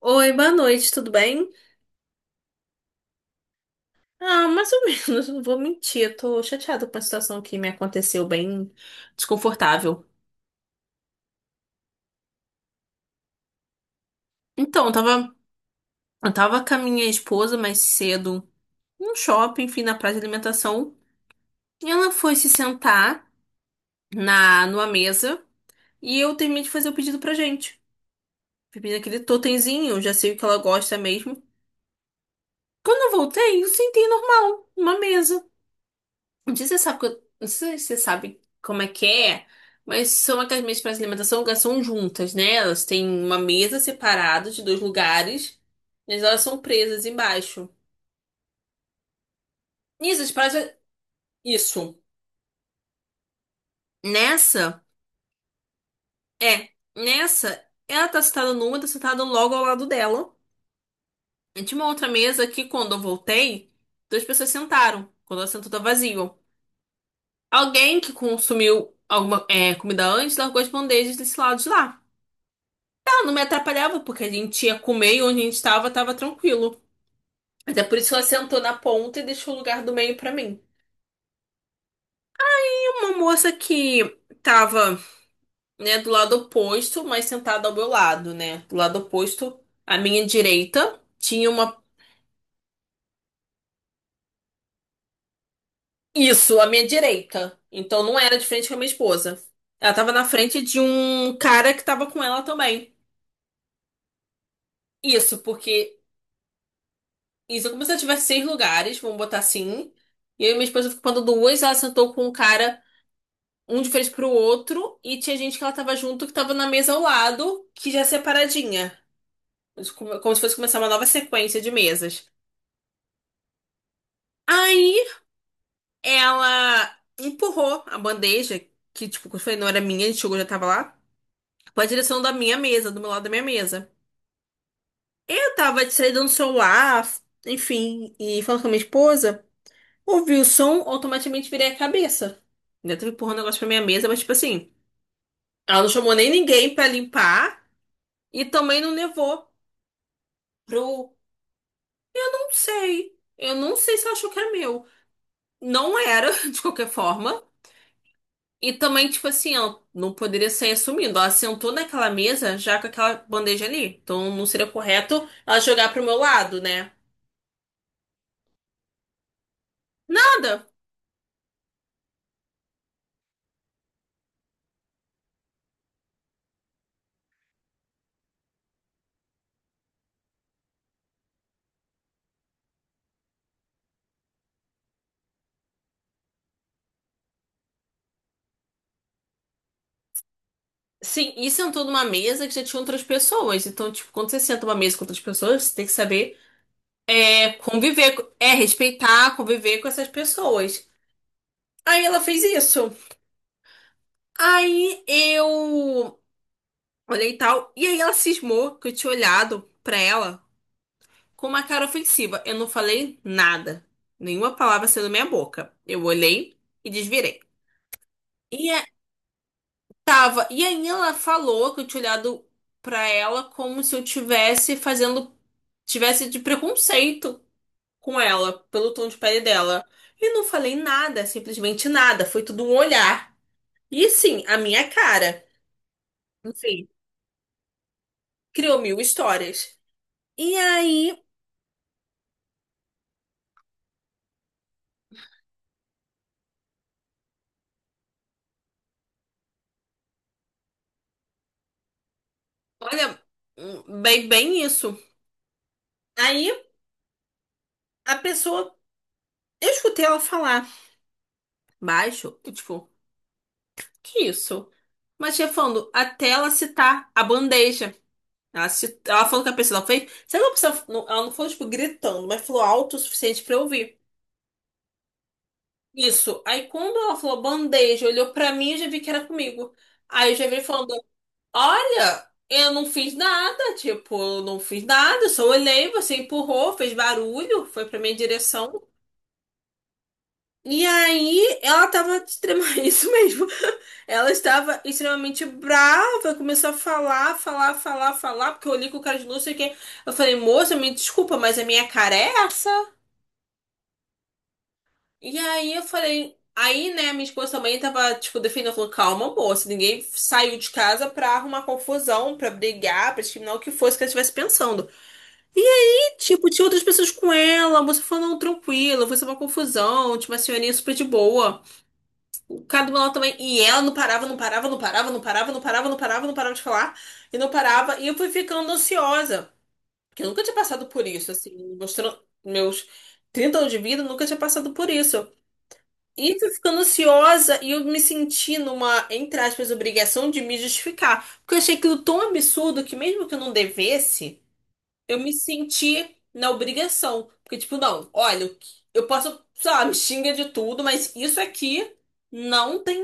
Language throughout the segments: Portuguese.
Oi, boa noite, tudo bem? Ah, mais ou menos, não vou mentir, eu tô chateada com a situação que me aconteceu, bem desconfortável. Então, eu tava com a minha esposa mais cedo num shopping, enfim, na praia de alimentação, e ela foi se sentar numa mesa e eu terminei de fazer o pedido pra gente. Fiz aquele totemzinho, já sei o que ela gosta mesmo. Quando eu voltei, eu sentei normal, numa mesa. Não sei se você sabe, não sei se você sabe como é que é, mas são aquelas mesas para alimentação que são juntas, né? Elas têm uma mesa separada de dois lugares, mas elas são presas embaixo. Nisso, as paradas... Isso. Nessa, é. Nessa, ela tá sentada numa, tá sentada logo ao lado dela. E tinha uma outra mesa que, quando eu voltei, duas pessoas sentaram. Quando ela sentou, tá vazio. Alguém que consumiu alguma, comida antes largou as bandejas desse lado de lá. Ah, não me atrapalhava, porque a gente ia comer e onde a gente tava, tava tranquilo. Até por isso ela sentou na ponta e deixou o lugar do meio pra mim. E uma moça que tava, né, do lado oposto, mas sentada ao meu lado, né? Do lado oposto, à minha direita, tinha uma. Isso, à minha direita. Então não era de frente com a minha esposa. Ela tava na frente de um cara que tava com ela também. Isso, porque. Isso é como se eu tivesse seis lugares, vamos botar assim. E eu e minha esposa ficando duas, ela sentou com um cara um de frente pro outro, e tinha gente que ela tava junto, que tava na mesa ao lado, que já é separadinha. Como se fosse começar uma nova sequência de mesas. Aí ela empurrou a bandeja, que, tipo, como eu falei, não era minha, a gente chegou, já tava lá, pra direção da minha mesa, do meu lado da minha mesa. Eu tava distraída no celular, enfim, e falando com a minha esposa, ouvi o som, automaticamente virei a cabeça. Ainda tava empurrando o negócio pra minha mesa, mas, tipo assim, ela não chamou nem ninguém pra limpar e também não levou pro Não sei. Eu não sei se eu achou que era meu. Não era, de qualquer forma. E também, tipo assim, ela não poderia sair assumindo. Ela sentou naquela mesa já com aquela bandeja ali. Então não seria correto ela jogar pro meu lado, né? Nada. Sim, e sentou numa mesa que já tinha outras pessoas. Então, tipo, quando você senta numa mesa com outras pessoas, você tem que saber conviver, é respeitar, conviver com essas pessoas. Aí ela fez isso. Aí eu olhei e tal. E aí ela cismou que eu tinha olhado pra ela. Com uma cara ofensiva, eu não falei nada. Nenhuma palavra saiu da minha boca. Eu olhei e desvirei. E a- Tava. E aí ela falou que eu tinha olhado pra ela como se eu tivesse fazendo. Tivesse de preconceito com ela, pelo tom de pele dela. E não falei nada, simplesmente nada. Foi tudo um olhar. E sim, a minha cara. Enfim, criou mil histórias. E aí, olha, bem, bem isso. Aí a pessoa. Eu escutei ela falar. Baixo? Eu, tipo, que isso? Mas, chefando, até ela citar a bandeja. Ela falou que a pessoa fez. Sabe que a pessoa. Ela não falou, tipo, gritando, mas falou alto o suficiente pra eu ouvir. Isso. Aí, quando ela falou bandeja, olhou pra mim e já vi que era comigo. Aí eu já vi falando: Olha, eu não fiz nada. Tipo, eu não fiz nada. Eu só olhei, você empurrou, fez barulho, foi pra minha direção. E aí, ela tava extremamente, isso mesmo. Ela estava extremamente brava, começou a falar, falar, falar, falar, porque eu olhei com cara de luz, sei que eu falei, moça, me desculpa, mas a minha cara é essa? E aí eu falei, aí, né, minha esposa também tava, tipo, defendendo, falou, calma, moça, ninguém saiu de casa pra arrumar confusão, pra brigar, pra discriminar o que fosse que ela estivesse pensando. E, tipo, tinha outras pessoas com ela, a moça falou, não, tranquila, foi só uma confusão, tinha uma senhorinha super de boa. O cara do meu lado também. E ela não parava, não parava, não parava, não parava, não parava, não parava, não parava de falar. E não parava. E eu fui ficando ansiosa. Porque eu nunca tinha passado por isso, assim. Mostrando meus 30 anos de vida, eu nunca tinha passado por isso. E fui ficando ansiosa e eu me senti numa, entre aspas, obrigação de me justificar. Porque eu achei aquilo tão absurdo que mesmo que eu não devesse eu me senti na obrigação. Porque, tipo, não, olha, eu posso, sei lá, me xinga de tudo, mas isso aqui não tem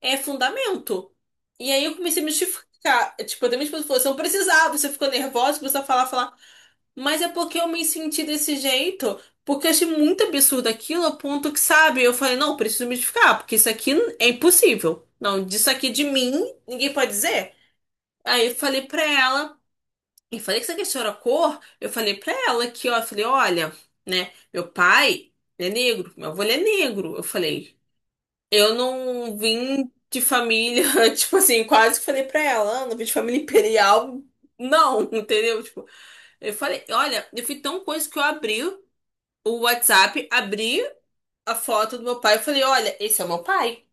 fundamento. E aí eu comecei a me justificar. É, tipo, até minha esposa falou, você não precisava, você ficou nervosa, começou a falar, falar. Mas é porque eu me senti desse jeito. Porque eu achei muito absurdo aquilo, a ponto que, sabe, eu falei, não, preciso me justificar, porque isso aqui é impossível. Não, disso aqui de mim, ninguém pode dizer. Aí eu falei pra ela. E falei que essa questão era cor, eu falei pra ela que, ó, eu falei, olha, né, meu pai é negro, meu avô ele é negro. Eu falei, eu não vim de família, tipo assim, quase que falei pra ela, "Ah, não vim de família imperial, não, entendeu? Tipo, eu falei, olha, eu fui tão coisa que eu abri o WhatsApp, abri a foto do meu pai, e falei, olha, esse é meu pai.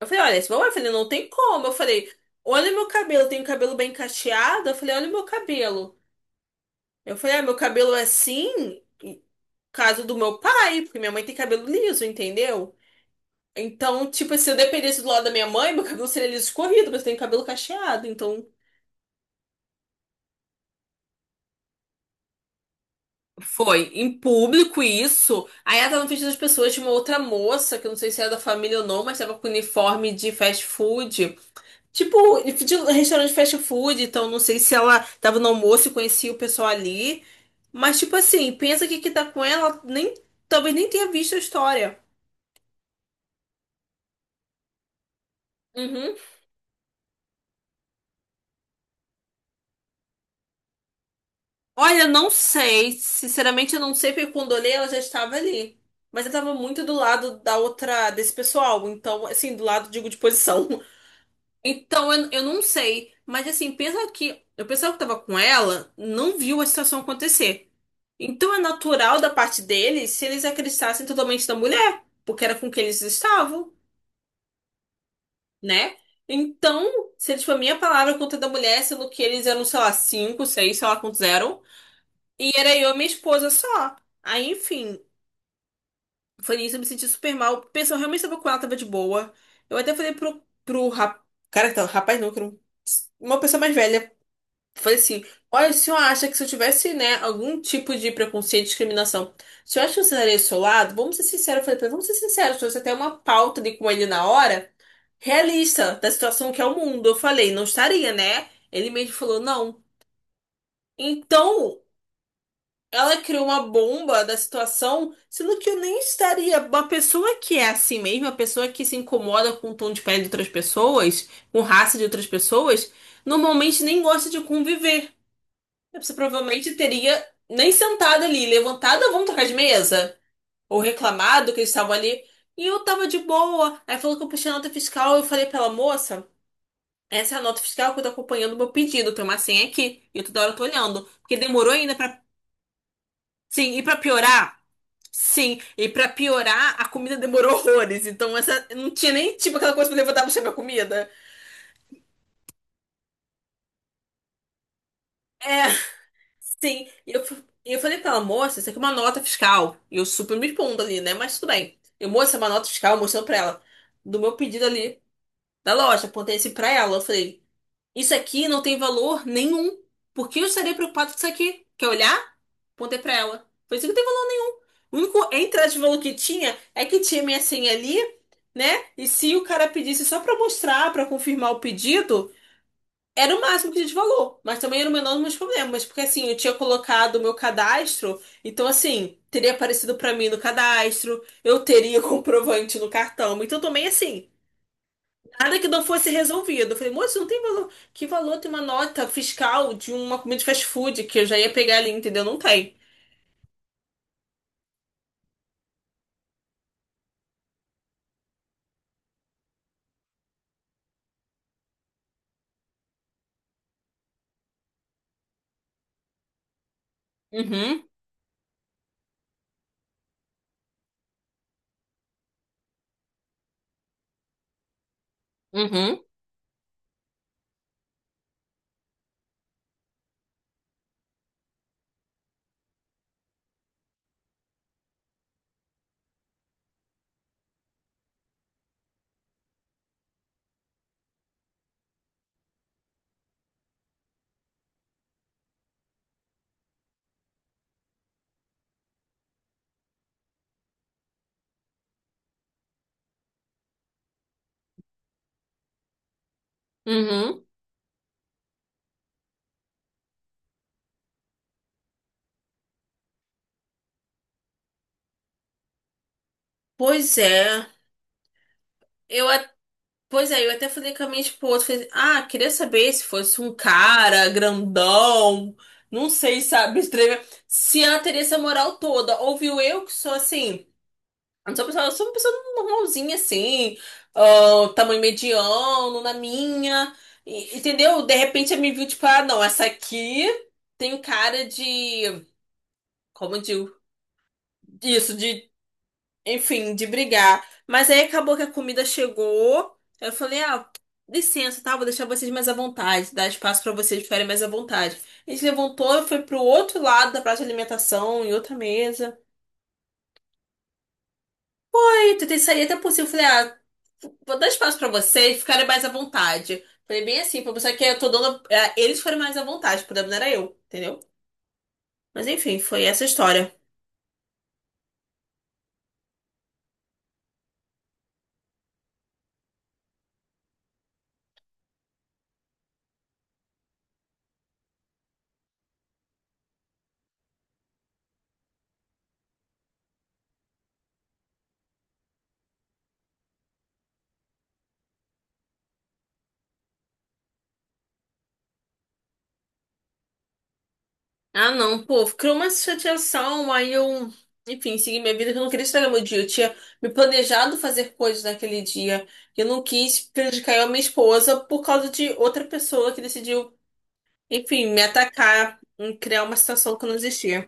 Eu falei, olha, esse é meu pai. Eu falei, não tem como. Eu falei, olha meu cabelo, eu tenho cabelo bem cacheado. Eu falei, olha meu cabelo. Eu falei, ah, meu cabelo é assim, caso do meu pai, porque minha mãe tem cabelo liso, entendeu? Então, tipo, assim, se eu dependesse do lado da minha mãe, meu cabelo seria liso escorrido, mas eu tenho cabelo cacheado, então. Foi em público isso. Aí ela tava no vestido das pessoas, tinha uma outra moça, que eu não sei se era da família ou não, mas tava com uniforme de fast food. Tipo, de restaurante de fast food, então não sei se ela tava no almoço e conhecia o pessoal ali. Mas, tipo assim, pensa que quem tá com ela nem, talvez nem tenha visto a história. Uhum. Olha, não sei. Sinceramente, eu não sei porque quando olhei ela já estava ali. Mas eu estava muito do lado da outra, desse pessoal. Então, assim, do lado, digo, de posição. Então, eu não sei. Mas, assim, pensa que o pessoal que estava com ela não viu a situação acontecer. Então, é natural da parte deles se eles acreditassem totalmente na mulher, porque era com quem eles estavam, né? Então, se eles, tipo, a minha palavra contra a da mulher, sendo que eles eram, sei lá, cinco, seis, sei lá quantos eram. E era eu e minha esposa só. Aí, enfim, foi nisso, eu me senti super mal. Pensou, realmente sabia que ela tava de boa. Eu até falei pro cara, então, rapaz não, que era uma pessoa mais velha. Falei assim, olha, o senhor acha que se eu tivesse, né, algum tipo de preconceito, discriminação, o senhor acha que eu estaria do seu lado? Vamos ser sinceros, eu falei pra ele, vamos ser sinceros, se você tem uma pauta ali com ele na hora, realista, da situação que é o mundo. Eu falei, não estaria, né? Ele mesmo falou, não. Então, ela criou uma bomba da situação, sendo que eu nem estaria. Uma pessoa que é assim mesmo, uma pessoa que se incomoda com o tom de pele de outras pessoas, com raça de outras pessoas, normalmente nem gosta de conviver. Você provavelmente teria nem sentado ali, levantada, vamos trocar de mesa? Ou reclamado que eles estavam ali. E eu tava de boa. Aí falou que eu puxei a nota fiscal. Eu falei pra ela, moça, essa é a nota fiscal que eu tô acompanhando o meu pedido. Tem uma senha aqui. E eu toda hora tô olhando. Porque demorou ainda pra. Sim, e pra piorar. Sim, e pra piorar, a comida demorou horrores. Então, essa não tinha nem tipo aquela coisa pra levantar pra chegar a comida. É, sim. E eu falei pra ela, moça, isso aqui é uma nota fiscal. E eu super me expondo ali, né? Mas tudo bem. Eu, moça, é uma nota fiscal, mostrando pra ela. Do meu pedido ali da loja. Apontei assim pra ela. Eu falei, isso aqui não tem valor nenhum. Por que eu estaria preocupado com isso aqui? Quer olhar? Mandei pra ela. Por isso que não tem valor nenhum. O único entrada de valor que tinha é que tinha minha senha ali, né? E se o cara pedisse só pra mostrar, pra confirmar o pedido, era o máximo que tinha de valor. Mas também era o menor dos meus problemas. Porque assim, eu tinha colocado o meu cadastro, então assim, teria aparecido pra mim no cadastro, eu teria comprovante no cartão. Então também assim, nada que não fosse resolvido. Eu falei, moço, não tem valor. Que valor tem uma nota fiscal de uma comida de fast food que eu já ia pegar ali, entendeu? Não tem. Uhum, uhum. Uhum. Pois é. Eu, a- Pois é, eu até falei com a minha esposa, falei, ah, queria saber se fosse um cara grandão, não sei, sabe, estranho, se ela teria essa moral toda. Ouviu eu que sou assim, não sou uma pessoa, eu sou uma pessoa normalzinha assim, ah, tamanho mediano, na minha, entendeu? De repente ela me viu tipo, ah, não, essa aqui tem cara de, como eu digo, isso, enfim, de brigar. Mas aí acabou que a comida chegou. Eu falei, ah, licença, tá? Vou deixar vocês mais à vontade, dar espaço pra vocês ficarem mais à vontade. A gente levantou e foi pro outro lado da praça de alimentação, em outra mesa. Aí, tentei sair até possível. Falei, ah, vou dar espaço pra vocês ficarem mais à vontade. Falei bem assim, pra mostrar que eu tô dando. É, eles foram mais à vontade, o problema não era eu, entendeu? Mas enfim, foi essa a história. Ah, não, pô, criou uma chateação, aí eu, enfim, segui minha vida, que eu não queria estragar meu dia. Eu tinha me planejado fazer coisas naquele dia, e eu não quis prejudicar eu e a minha esposa por causa de outra pessoa que decidiu, enfim, me atacar, em criar uma situação que não existia.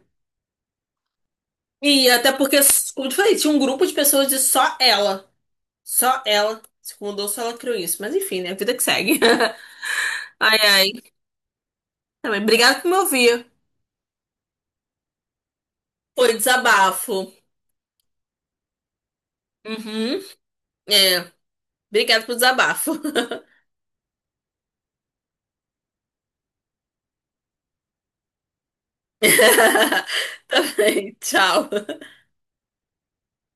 E até porque, como eu te falei, tinha um grupo de pessoas de só ela se mudou, só ela criou isso. Mas enfim, né, vida que segue. Ai, ai. Também, obrigado por me ouvir. Foi desabafo. Uhum. É, obrigado pelo desabafo. Também, tchau.